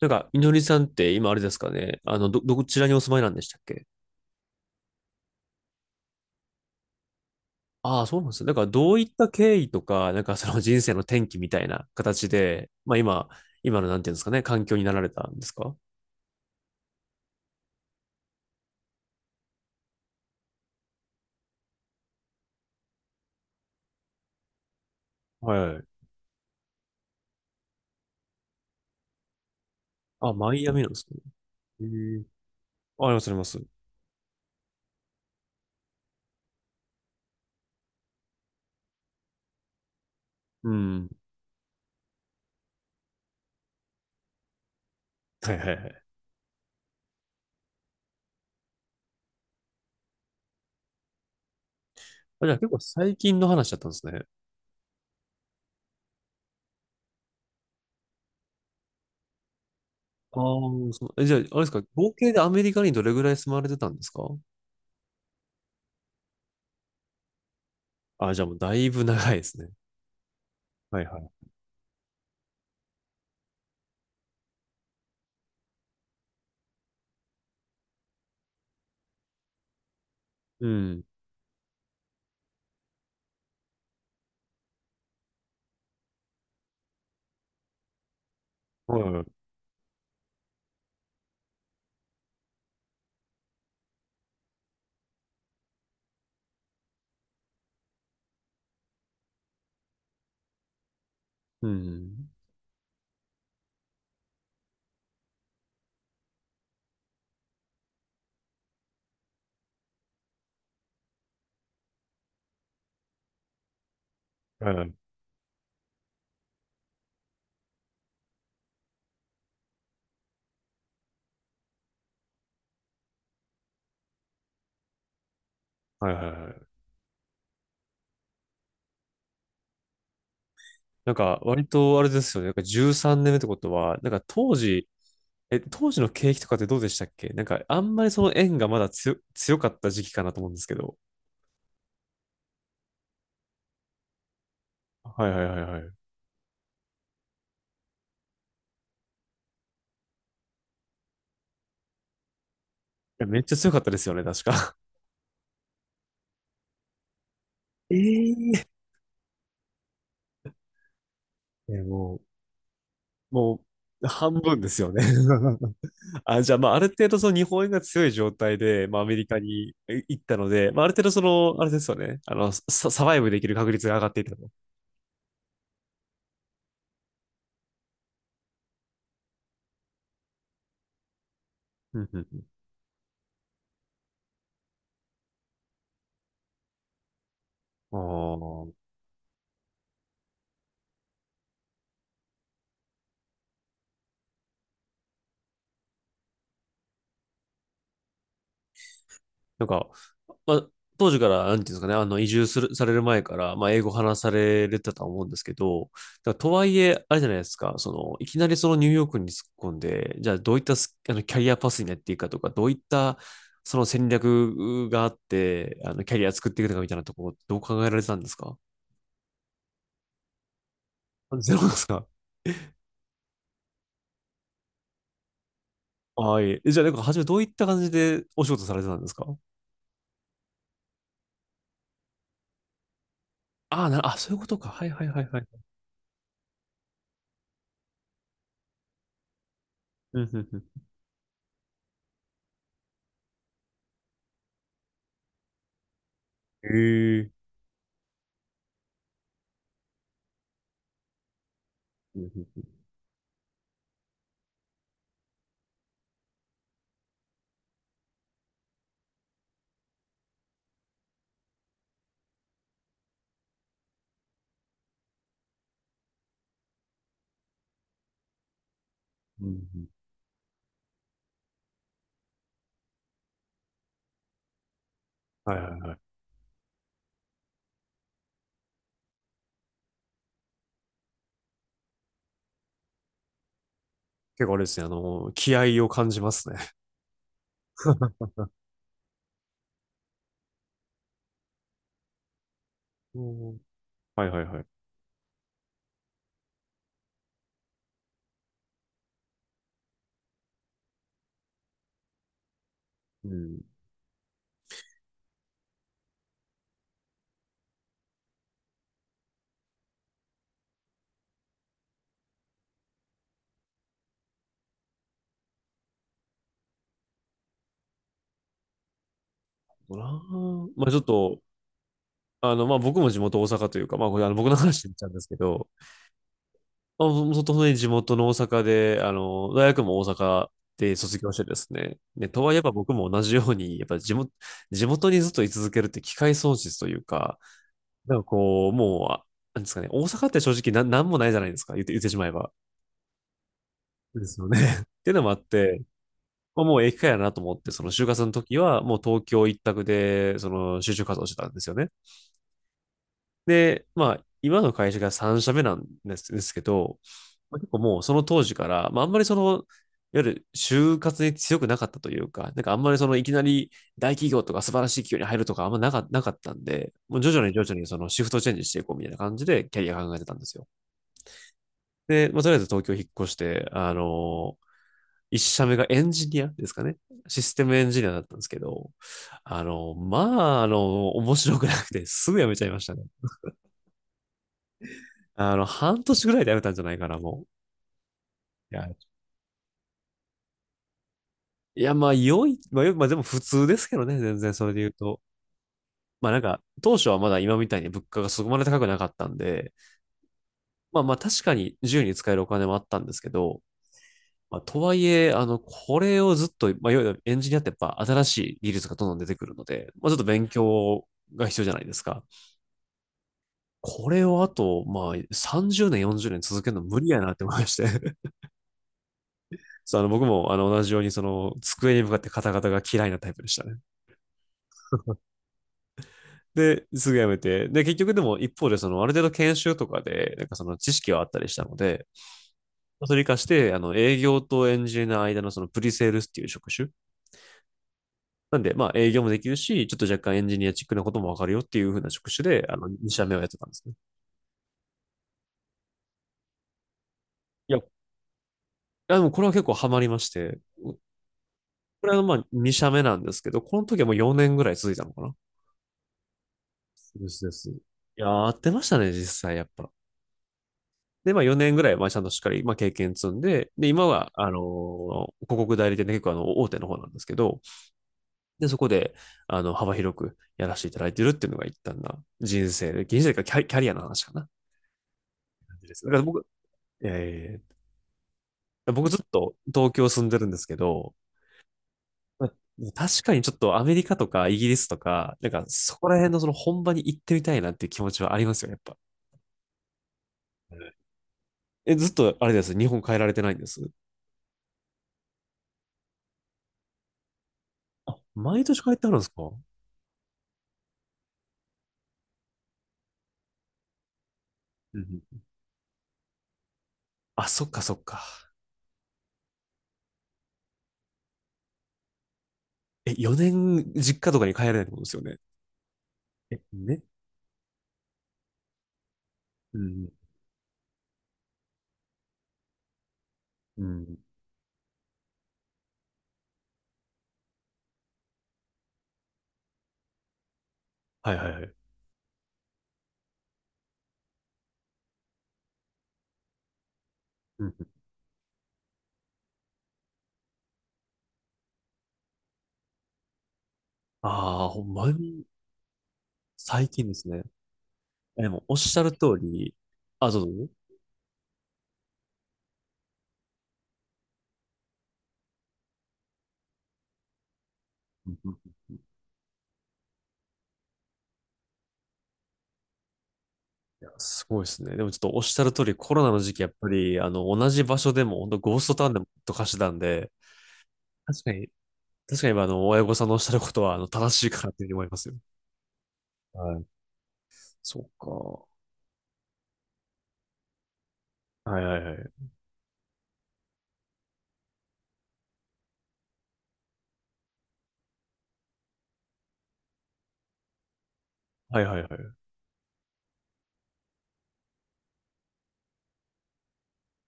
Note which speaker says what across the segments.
Speaker 1: なんか、みのりさんって今あれですかね、どちらにお住まいなんでしたっけ？ああ、そうなんですね。だから、どういった経緯とか、なんかその人生の転機みたいな形で、まあ今のなんていうんですかね、環境になられたんですか？はい。あ、マイアミなんですね。へえ。あ、あります、あります。うん。はいはいはい。あ、じゃあ結構最近の話だったんですね。ああ、そう。え、じゃあ、あれですか、合計でアメリカにどれぐらい住まれてたんですか？あ、じゃあもうだいぶ長いですね。はいはい。うん。はいはい。うん。はいはい。はいはいはい。なんか、割とあれですよね。なんか13年目ってことは、なんか当時の景気とかってどうでしたっけ？なんか、あんまりその円がまだ強かった時期かなと思うんですけど。はいはいはいはい。いや、めっちゃ強かったですよね、確か。えええ、もう、半分ですよね。あ、じゃあ、まあ、ある程度その日本円が強い状態で、まあ、アメリカに行ったので、まあ、ある程度その、あれですよね。サバイブできる確率が上がっていたと。うんうんうん。ああ。なんか、まあ、当時から、なんていうんですかね、あの、移住する、される前から、まあ、英語話されてたと思うんですけど、だからとはいえ、あれじゃないですか、その、いきなりそのニューヨークに突っ込んで、じゃあどういったスあのキャリアパスになっていくかとか、どういったその戦略があって、キャリア作っていくのかみたいなところ、どう考えられてたんですか？あ、ゼロですか？はい。え、じゃあ、なんか、初めどういった感じでお仕事されてたんですか？ああ、そういうことか。はいはいはいはい。うんうんうん。へえ。うんうんうんうんうん。はいはいはい。結構あれですね、気合を感じますね。うん。はいはいはい。うん。なあ、まあちょっと、まあ僕も地元大阪というか、まあこれ僕の話になっちゃうんですけど、まあ、本当に地元の大阪で、大学も大阪で卒業してですね、とはいえば僕も同じように、やっぱ地元にずっと居続けるって機会損失というか、なんかこう、もう、なんですかね、大阪って正直な、なんもないじゃないですか、言ってしまえば。ですよね。っていうのもあって、まあ、もう駅かやなと思って、その就活の時は、もう東京一択で、その就職活動してたんですよね。で、まあ、今の会社が3社目なんですけど、まあ結構もうその当時から、まあ、あんまりその、いわゆる就活に強くなかったというか、なんかあんまりそのいきなり大企業とか素晴らしい企業に入るとかなかったんで、もう徐々に徐々にそのシフトチェンジしていこうみたいな感じでキャリア考えてたんですよ。で、まあ、とりあえず東京引っ越して、一社目がエンジニアですかね。システムエンジニアだったんですけど、まあ、面白くなくて、すぐ辞めちゃいましたね。半年ぐらいで辞めたんじゃないかな、もう。いや、いやまあ、まあ、まあ、でも普通ですけどね、全然それで言うと。まあなんか、当初はまだ今みたいに物価がそこまで高くなかったんで、まあまあ確かに自由に使えるお金もあったんですけど、まあ、とはいえ、これをずっと、まあ、いわゆるエンジニアってやっぱ新しい技術がどんどん出てくるので、まあ、ちょっと勉強が必要じゃないですか。これをあと、まあ、30年、40年続けるの無理やなって思いまして。そう、僕も、同じように、机に向かってカタカタが嫌いなタイプでしたね。で、すぐやめて。で、結局でも、一方で、ある程度研修とかで、知識はあったりしたので、それに活かして、営業とエンジニアの間のプリセールスっていう職種。なんで、まあ、営業もできるし、ちょっと若干エンジニアチックなこともわかるよっていう風な職種で、2社目をやってたんですね。いや、あ、でもこれは結構ハマりまして、これはまあ2社目なんですけど、この時はもう4年ぐらい続いたのかなです。いやー、合ってましたね、実際やっぱ。で、まあ4年ぐらい、まあちゃんとしっかり、まあ経験積んで、で、今は、広告代理店で結構大手の方なんですけど、で、そこで、幅広くやらせていただいてるっていうのが一旦な人生で、人生かキャリアの話かな。ですだねから僕、えー僕ずっと東京住んでるんですけど、まあ確かにちょっとアメリカとかイギリスとか、なんかそこら辺のその本場に行ってみたいなっていう気持ちはありますよ、やっぱ。え、ずっとあれです。日本帰られてないんです？あ、毎年帰ってあるんですか？うん。あ、そっかそっか。え、4年実家とかに帰れないってことですよね。え、ね。うんうん。はいはいはい。うん。ああ、ほんまに最近ですね。え、でもおっしゃる通り、あ、どうぞ。いや、すごいですね。でもちょっとおっしゃる通り、コロナの時期、やっぱり、同じ場所でも、本当ゴーストタウンでもと貸してたんで、確かに、確かに、親御さんのおっしゃることは、正しいかなっていうふうに思いますよ。はい。そうか。はいはいはい。はいはいはい。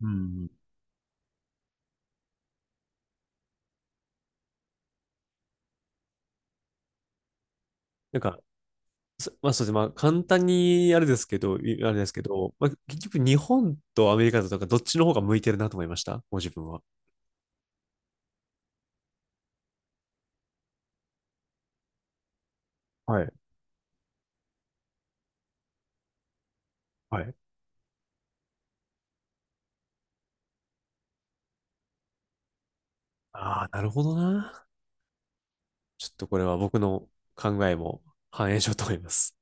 Speaker 1: うん。なんか、まあそうですね。まあ簡単にあれですけど、あれですけど、まあ結局日本とアメリカだとなんかどっちの方が向いてるなと思いました。ご自分は。はい。はい。ああ、なるほどな。ちょっとこれは僕の考えも反映しようと思います。